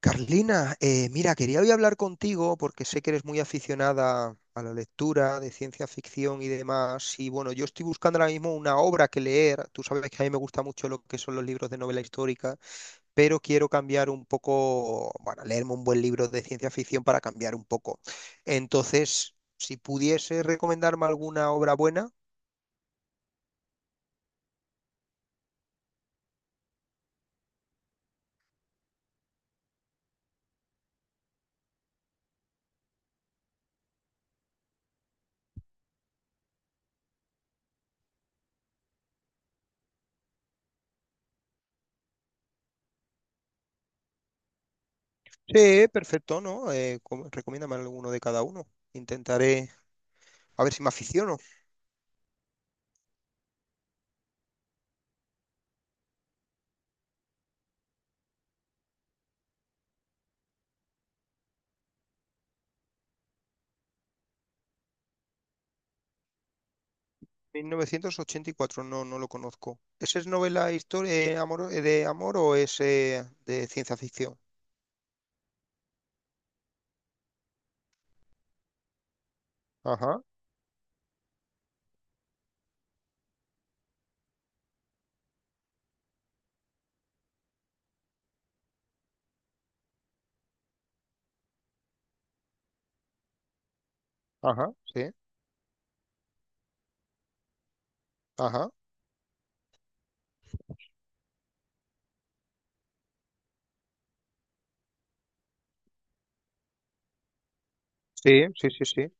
Carlina, mira, quería hoy hablar contigo porque sé que eres muy aficionada a la lectura de ciencia ficción y demás. Y bueno, yo estoy buscando ahora mismo una obra que leer. Tú sabes que a mí me gusta mucho lo que son los libros de novela histórica, pero quiero cambiar un poco, bueno, leerme un buen libro de ciencia ficción para cambiar un poco. Entonces, si pudiese recomendarme alguna obra buena, sí, perfecto, ¿no? Recomiéndame alguno de cada uno. Intentaré a ver si me aficiono. 1984, no, no lo conozco. ¿Ese es novela historia amor, de amor o es de ciencia ficción? Ajá, ajá, sí, ajá, sí, sí, sí, sí.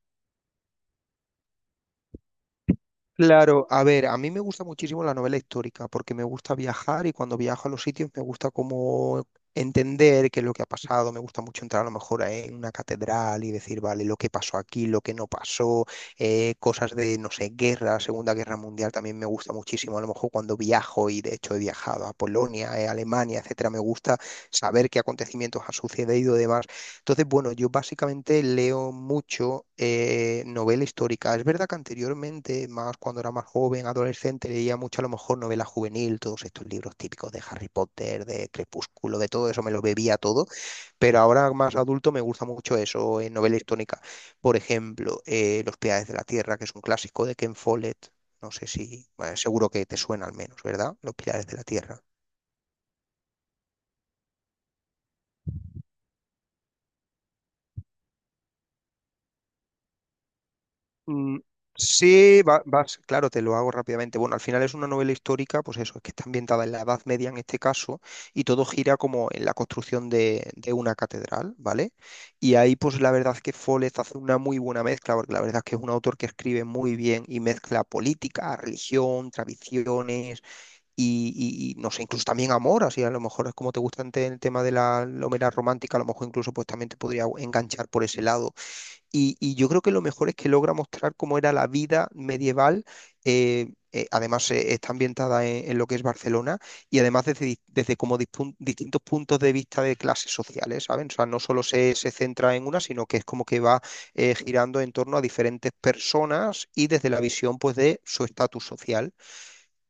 Claro, a ver, a mí me gusta muchísimo la novela histórica porque me gusta viajar y cuando viajo a los sitios me gusta como entender qué es lo que ha pasado, me gusta mucho entrar a lo mejor en una catedral y decir, vale, lo que pasó aquí, lo que no pasó, cosas de, no sé, guerra, Segunda Guerra Mundial también me gusta muchísimo, a lo mejor cuando viajo y de hecho he viajado a Polonia, Alemania, etcétera, me gusta saber qué acontecimientos han sucedido y demás. Entonces, bueno, yo básicamente leo mucho novela histórica. Es verdad que anteriormente, más cuando era más joven, adolescente, leía mucho a lo mejor novela juvenil, todos estos libros típicos de Harry Potter, de Crepúsculo, de todo eso, me lo bebía todo. Pero ahora más adulto me gusta mucho eso en novela histórica. Por ejemplo, Los Pilares de la Tierra, que es un clásico de Ken Follett. No sé si, bueno, seguro que te suena al menos, ¿verdad? Los Pilares de la Tierra. Mm, sí, vas, claro, te lo hago rápidamente. Bueno, al final es una novela histórica, pues eso, es que está ambientada en la Edad Media en este caso, y todo gira como en la construcción de una catedral, ¿vale? Y ahí, pues la verdad es que Follett hace una muy buena mezcla, porque la verdad es que es un autor que escribe muy bien y mezcla política, religión, tradiciones y no sé, incluso también amor, así a lo mejor es como te gusta el tema de la Homera romántica, a lo mejor incluso pues también te podría enganchar por ese lado y yo creo que lo mejor es que logra mostrar cómo era la vida medieval. Además, está ambientada en lo que es Barcelona y además desde como distintos puntos de vista de clases sociales, ¿saben? O sea, no solo se centra en una, sino que es como que va girando en torno a diferentes personas y desde la visión, pues, de su estatus social.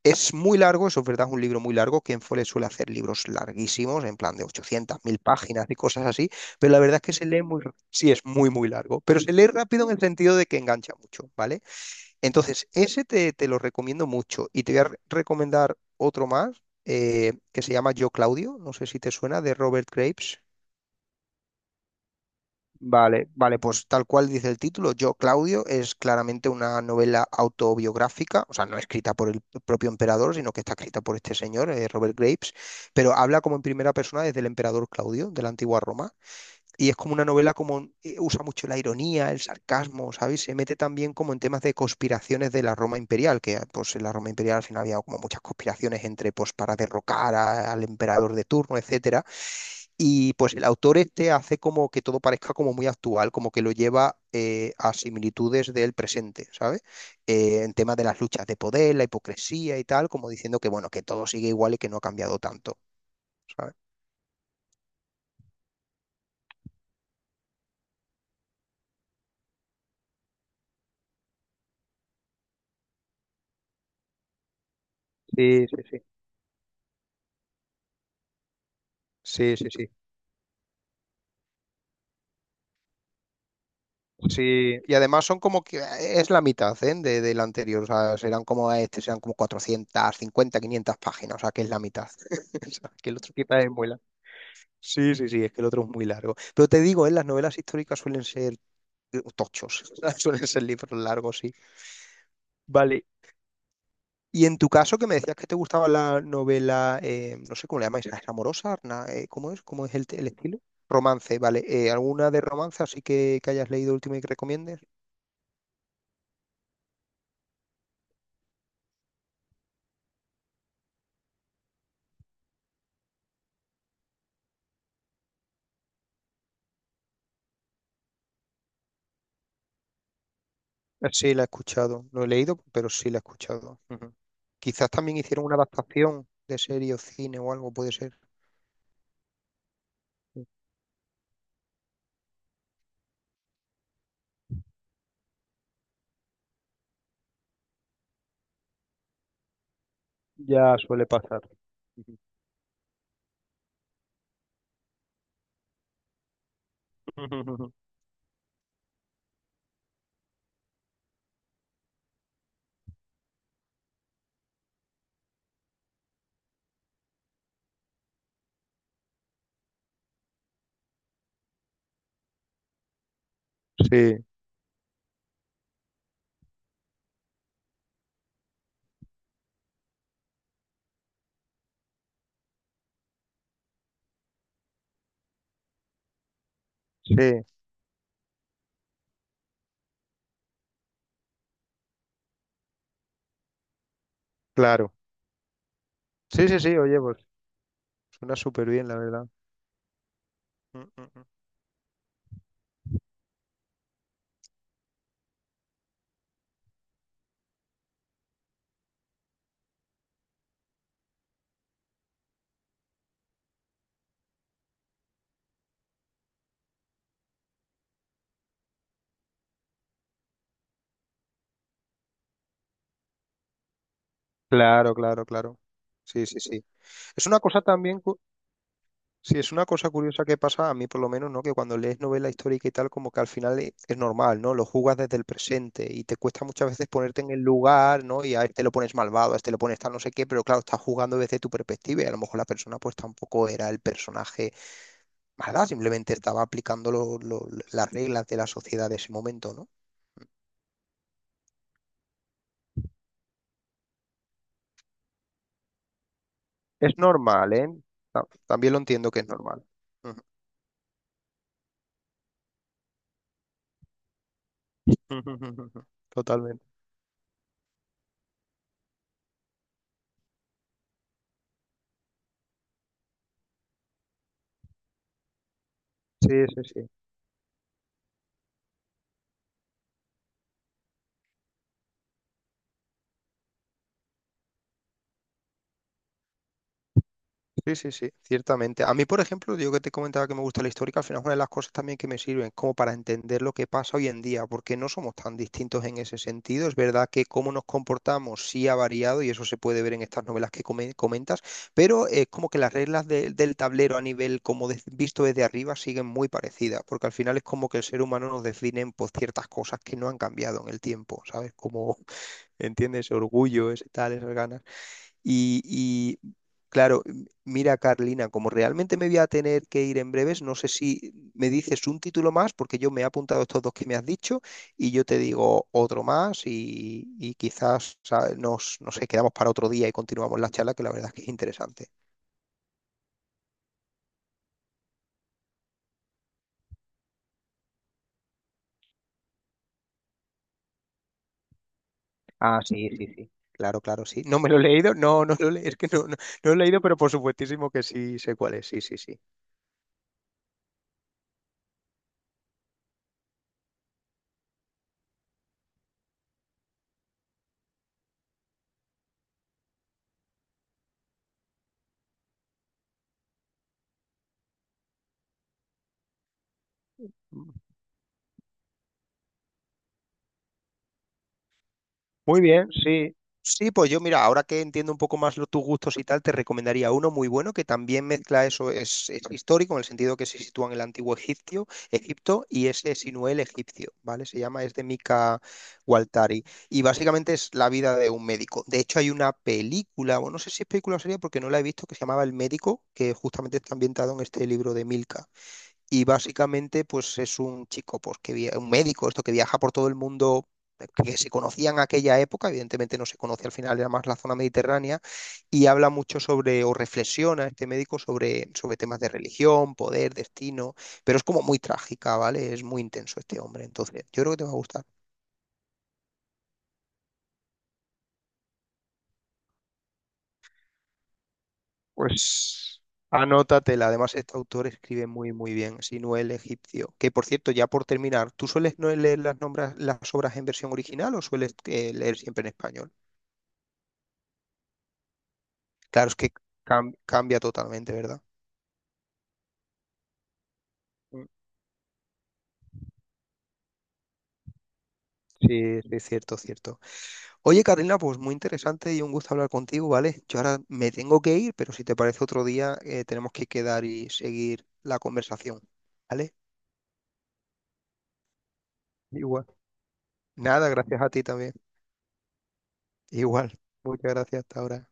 Es muy largo, eso es verdad, es un libro muy largo. Kenfole suele hacer libros larguísimos, en plan de 800, 1000 páginas y cosas así, pero la verdad es que se lee muy, sí, es muy, muy largo, pero se lee rápido en el sentido de que engancha mucho, ¿vale? Entonces, ese te lo recomiendo mucho y te voy a recomendar otro más, que se llama Yo Claudio, no sé si te suena, de Robert Graves. Vale, vale, pues tal cual dice el título, Yo, Claudio, es claramente una novela autobiográfica, o sea, no escrita por el propio emperador, sino que está escrita por este señor, Robert Graves, pero habla como en primera persona desde el emperador Claudio de la antigua Roma. Y es como una novela como usa mucho la ironía, el sarcasmo, ¿sabes? Se mete también como en temas de conspiraciones de la Roma imperial, que pues en la Roma imperial al final había como muchas conspiraciones entre pues para derrocar al emperador de turno, etcétera. Y pues el autor este hace como que todo parezca como muy actual, como que lo lleva a similitudes del presente, ¿sabes? En temas de las luchas de poder, la hipocresía y tal, como diciendo que bueno, que todo sigue igual y que no ha cambiado tanto, ¿sabes? Sí, sí, sí. Sí, sí, sí. Sí, y además son como que es la mitad, ¿eh? De, del anterior, o sea, serán como este, serán como cuatrocientas, cincuenta, quinientas páginas, o sea, que es la mitad. O sea, que el otro quizás es muy largo. Sí, sí, sí, es que el otro es muy largo. Pero te digo, ¿eh? Las novelas históricas suelen ser tochos, suelen ser libros largos, sí. Vale. Y en tu caso, que me decías que te gustaba la novela, no sé cómo le llamáis, ¿es amorosa? ¿Arna? ¿Cómo es? ¿Cómo es el estilo? Romance, vale. ¿Alguna de romance así que hayas leído último y que recomiendes? Sí, la he escuchado. No he leído, pero sí la he escuchado. Ujú. Quizás también hicieron una adaptación de serie o cine o algo, puede ser. Ya suele pasar. Ujú. Sí, sí, claro. Sí, sí, sí, oye, pues suena súper bien, la verdad. Mm, mm, mm. Claro, claro, claro. Sí, sí, sí. Es una cosa también. Sí, es una cosa curiosa que pasa a mí por lo menos, ¿no? Que cuando lees novela histórica y tal, como que al final es normal, ¿no? Lo jugas desde el presente y te cuesta muchas veces ponerte en el lugar, ¿no? Y a este lo pones malvado, a este lo pones tal no sé qué, pero claro, estás jugando desde tu perspectiva y a lo mejor la persona pues tampoco era el personaje malvado, simplemente estaba aplicando las reglas de la sociedad de ese momento, ¿no? Es normal, ¿eh? También lo entiendo que es normal. Ujú. Totalmente. Sí, sí, sí. Sí, sí, sí, ciertamente. A mí, por ejemplo, digo que te comentaba que me gusta la histórica, al final es una de las cosas también que me sirven como para entender lo que pasa hoy en día, porque no somos tan distintos en ese sentido. Es verdad que cómo nos comportamos sí ha variado y eso se puede ver en estas novelas que comentas, pero es como que las reglas del tablero a nivel como visto desde arriba siguen muy parecidas, porque al final es como que el ser humano nos define por ciertas cosas que no han cambiado en el tiempo, ¿sabes? Como, ¿entiendes? Orgullo, ese tal, esas ganas. Y, claro, mira Carlina, como realmente me voy a tener que ir en breves, no sé si me dices un título más, porque yo me he apuntado estos dos que me has dicho y yo te digo otro más y quizás ¿sabes? Nos, no sé, quedamos para otro día y continuamos la charla, que la verdad es que es interesante. Ah, sí, sí, sí. Claro, claro, sí. No me lo he leído, no, no lo he, es que no, no, no lo he leído, pero por supuestísimo que sí sé cuál es, sí, sí, sí. Muy bien, sí. Sí, pues yo mira, ahora que entiendo un poco más tus gustos y tal, te recomendaría uno muy bueno que también mezcla eso, es histórico en el sentido que se sitúa en el antiguo Egipcio, Egipto y es Sinué el egipcio, ¿vale? Se llama, es de Mika Waltari, y básicamente es la vida de un médico. De hecho hay una película, bueno, no sé si es película o serie porque no la he visto, que se llamaba El Médico, que justamente está ambientado en este libro de Milka. Y básicamente, pues es un chico, pues un médico, esto que viaja por todo el mundo, que se conocía en aquella época, evidentemente no se conoce al final, era más la zona mediterránea, y habla mucho sobre, o reflexiona este médico sobre, sobre temas de religión, poder, destino, pero es como muy trágica, ¿vale? Es muy intenso este hombre, entonces yo creo que te va a gustar. Pues anótatela. Además, este autor escribe muy, muy bien. Sinuel egipcio. Que por cierto, ya por terminar, ¿tú sueles no leer las, nombras, las obras en versión original o sueles leer siempre en español? Claro, es que cambia totalmente, ¿verdad? Mm. Sí, sí, cierto, cierto. Oye, Carolina, pues muy interesante y un gusto hablar contigo, ¿vale? Yo ahora me tengo que ir, pero si te parece otro día, tenemos que quedar y seguir la conversación, ¿vale? Igual. Nada, gracias a ti también. Igual. Muchas gracias hasta ahora.